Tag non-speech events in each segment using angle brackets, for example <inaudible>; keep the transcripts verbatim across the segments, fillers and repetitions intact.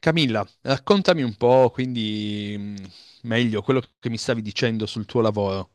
Camilla, raccontami un po', quindi mh, meglio quello che mi stavi dicendo sul tuo lavoro.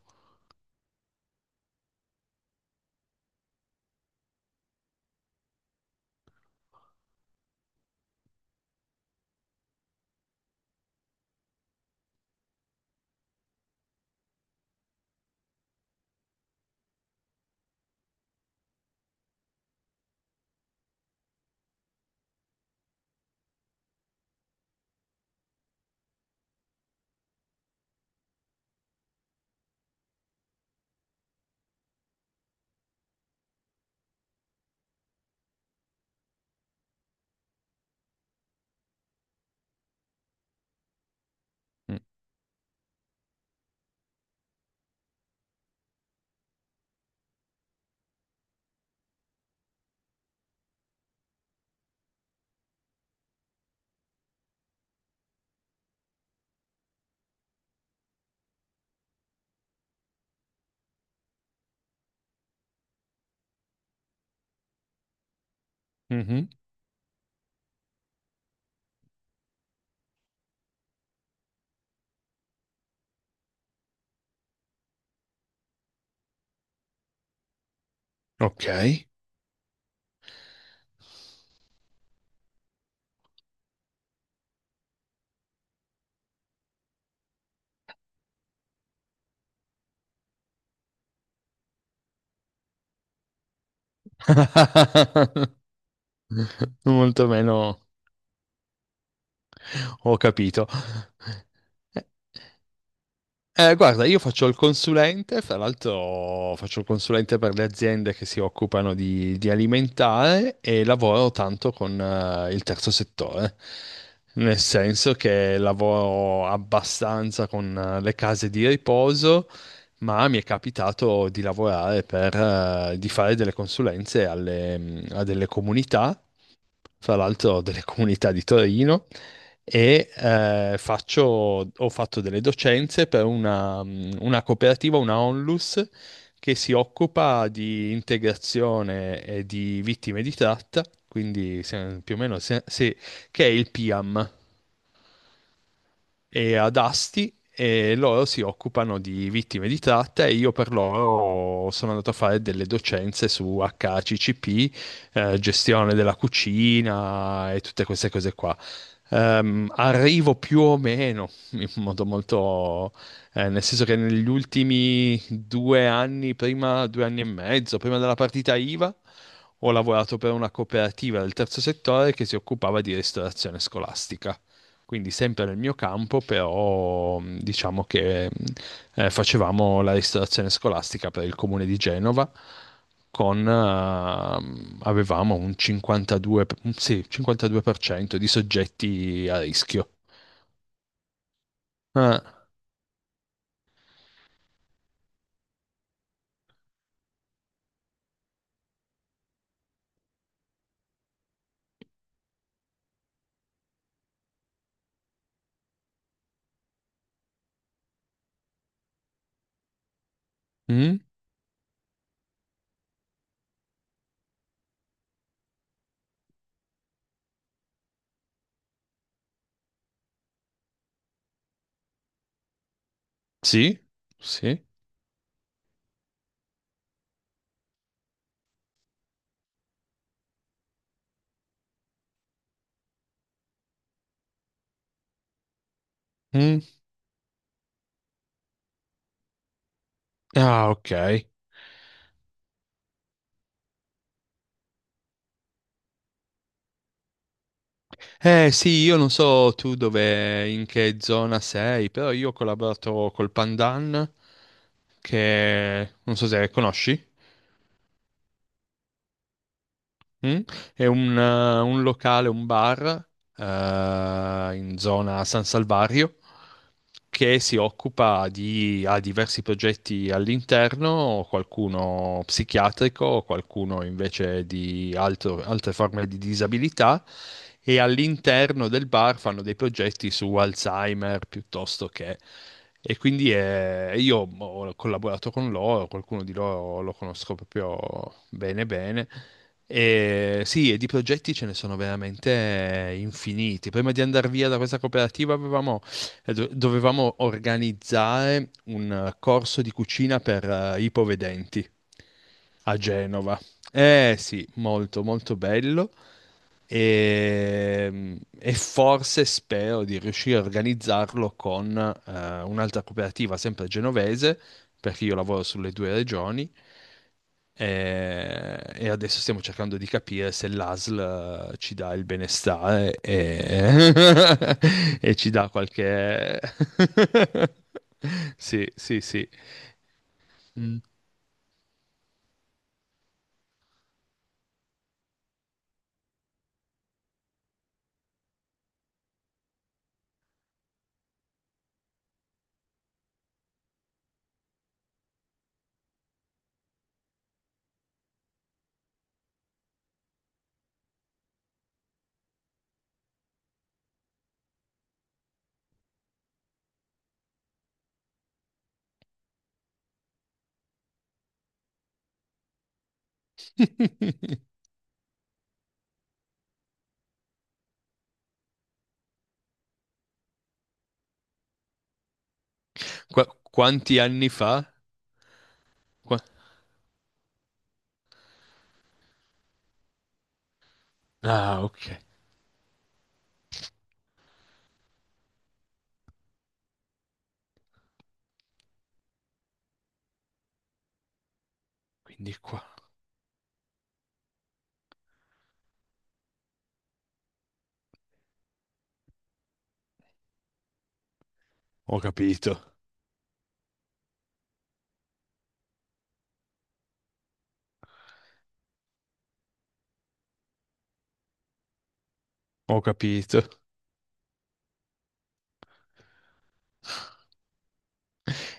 Mm. Mhm. Ok. <laughs> Molto meno. Ho capito. Eh, guarda, io faccio il consulente, fra l'altro faccio il consulente per le aziende che si occupano di, di alimentare e lavoro tanto con eh, il terzo settore, nel senso che lavoro abbastanza con eh, le case di riposo, ma mi è capitato di lavorare per, eh, di fare delle consulenze alle- mm, a delle comunità, fra l'altro delle comunità di Torino, e eh, faccio, ho fatto delle docenze per una, mh, una cooperativa, una Onlus, che si occupa di integrazione e di vittime di tratta, quindi se- più o meno se- se- che è il P I A M, e ad Asti, e loro si occupano di vittime di tratta e io per loro sono andato a fare delle docenze su H A C C P, eh, gestione della cucina e tutte queste cose qua. Ehm, arrivo più o meno in modo molto, eh, nel senso che negli ultimi due anni, prima due anni e mezzo, prima della partita IVA, ho lavorato per una cooperativa del terzo settore che si occupava di ristorazione scolastica, quindi sempre nel mio campo, però mh, diciamo che mh, eh, facevamo la ristorazione scolastica per il comune di Genova con ehm, avevamo un cinquantadue, per- un- sì, cinquantadue per cento di soggetti a rischio. Ah, mm, sì, sì. Mm. Ah, ok. Eh sì, io non so tu dove, in che zona sei, però io ho collaborato col Pandan, che non so se conosci. Mm? È un, eh, un locale, un bar eh, in zona San Salvario che si occupa di, ha diversi progetti all'interno, qualcuno psichiatrico, qualcuno invece di altro- altre forme di disabilità, e all'interno del bar fanno dei progetti su Alzheimer piuttosto che... E quindi eh, io ho collaborato con loro, qualcuno di loro lo conosco proprio bene bene. E sì, e di progetti ce ne sono veramente eh, infiniti. Prima di andare via da questa cooperativa avevamo- eh, do- dovevamo organizzare un eh, corso di cucina per eh, ipovedenti a Genova. Eh sì, molto molto bello, e, e forse spero di riuscire a organizzarlo con eh, un'altra cooperativa sempre genovese, perché io lavoro sulle due regioni, eh, e adesso stiamo cercando di capire se l'A S L ci dà il benestare e, <laughs> e ci dà qualche... <laughs> Sì, sì, sì. Mm. <laughs> Qua- quanti anni fa? Qua- Ah, ok. Quindi qua. Ho capito, ho capito.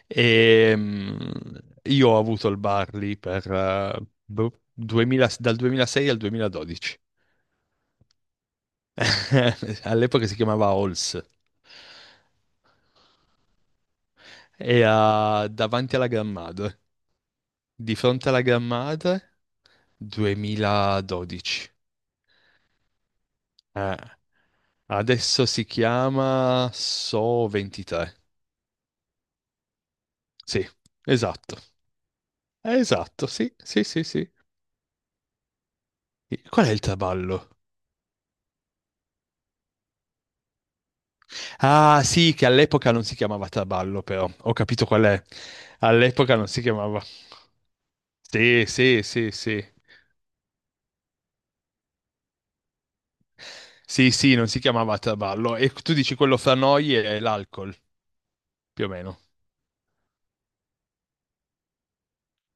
E, mm, io ho avuto il Barley per, eh, boh, duemila dal duemilasei al duemiladodici. <laughs> All'epoca si chiamava Ols. E eh, davanti alla Grammada, di fronte alla Grammada, duemiladodici. Eh, adesso si chiama So ventitré. Sì, esatto. Esatto, sì, sì, sì, sì. Qual è il traballo? Ah, sì, che all'epoca non si chiamava Traballo, però ho capito qual è. All'epoca non si chiamava. Sì, sì, sì, sì. Sì, sì, non si chiamava Traballo. E tu dici quello fra noi è l'alcol, più o meno.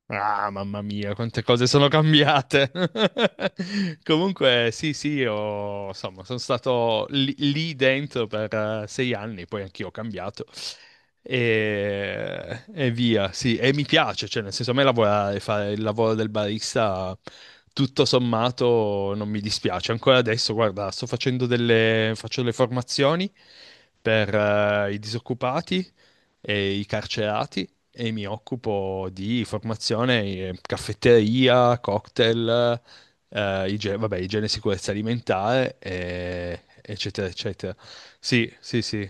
Ah, mamma mia, quante cose sono cambiate. <laughs> Comunque, sì, sì, io, insomma, sono stato lì, lì dentro per eh, sei anni, poi anch'io ho cambiato. E, e via, sì, e mi piace, cioè, nel senso, a me lavorare, fare il lavoro del barista, tutto sommato, non mi dispiace. Ancora adesso, guarda, sto facendo delle, faccio delle formazioni per eh, i disoccupati e i carcerati e mi occupo di formazione, eh, caffetteria, cocktail, eh, igie- vabbè, igiene e sicurezza alimentare, e- eccetera, eccetera. Sì, sì, sì,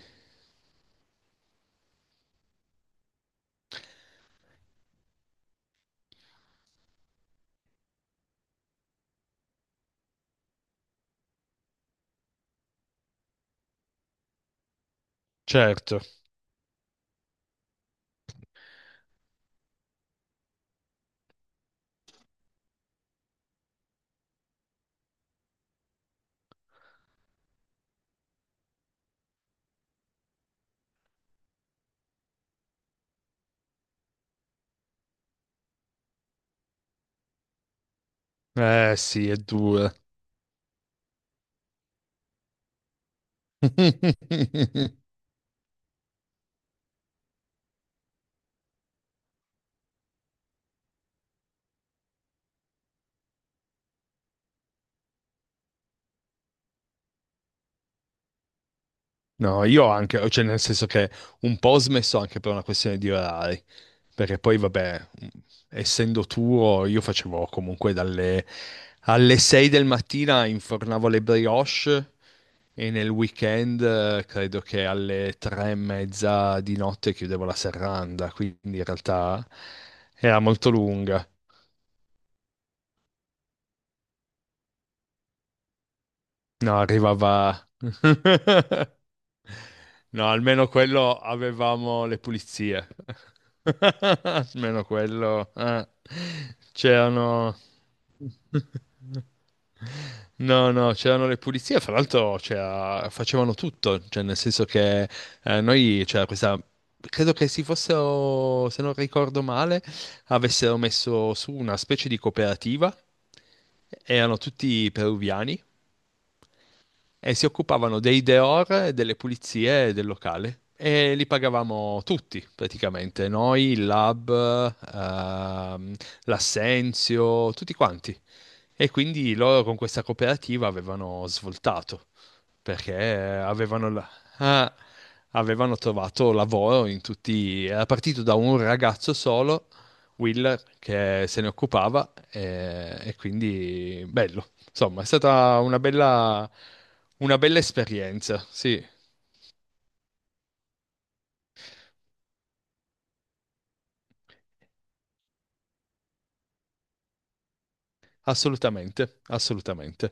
certo. Eh sì, è dura. <laughs> No, io anche, cioè nel senso che un po' ho smesso anche per una questione di orari. Perché poi, vabbè, essendo tuo, io facevo comunque dalle alle sei del mattina infornavo le brioche, e nel weekend eh, credo che alle tre e mezza di notte chiudevo la serranda, quindi in realtà era molto lunga. No, arrivava. <laughs> No, almeno quello avevamo le pulizie. <laughs> Almeno quello. eh. C'erano. <laughs> No, no, c'erano le pulizie, fra l'altro c'era- facevano tutto, cioè nel senso che eh, noi c'era questa, credo che si fossero, se non ricordo male, avessero messo su una specie di cooperativa, erano tutti peruviani e si occupavano dei deor e delle pulizie del locale. E li pagavamo tutti, praticamente, noi, il lab, ehm, l'assenzio, tutti quanti. E quindi loro con questa cooperativa avevano svoltato perché avevano, la- ah, avevano trovato lavoro in tutti. Era partito da un ragazzo solo, Will, che se ne occupava, e, e quindi bello. Insomma, è stata una bella, una bella esperienza, sì, assolutamente, assolutamente.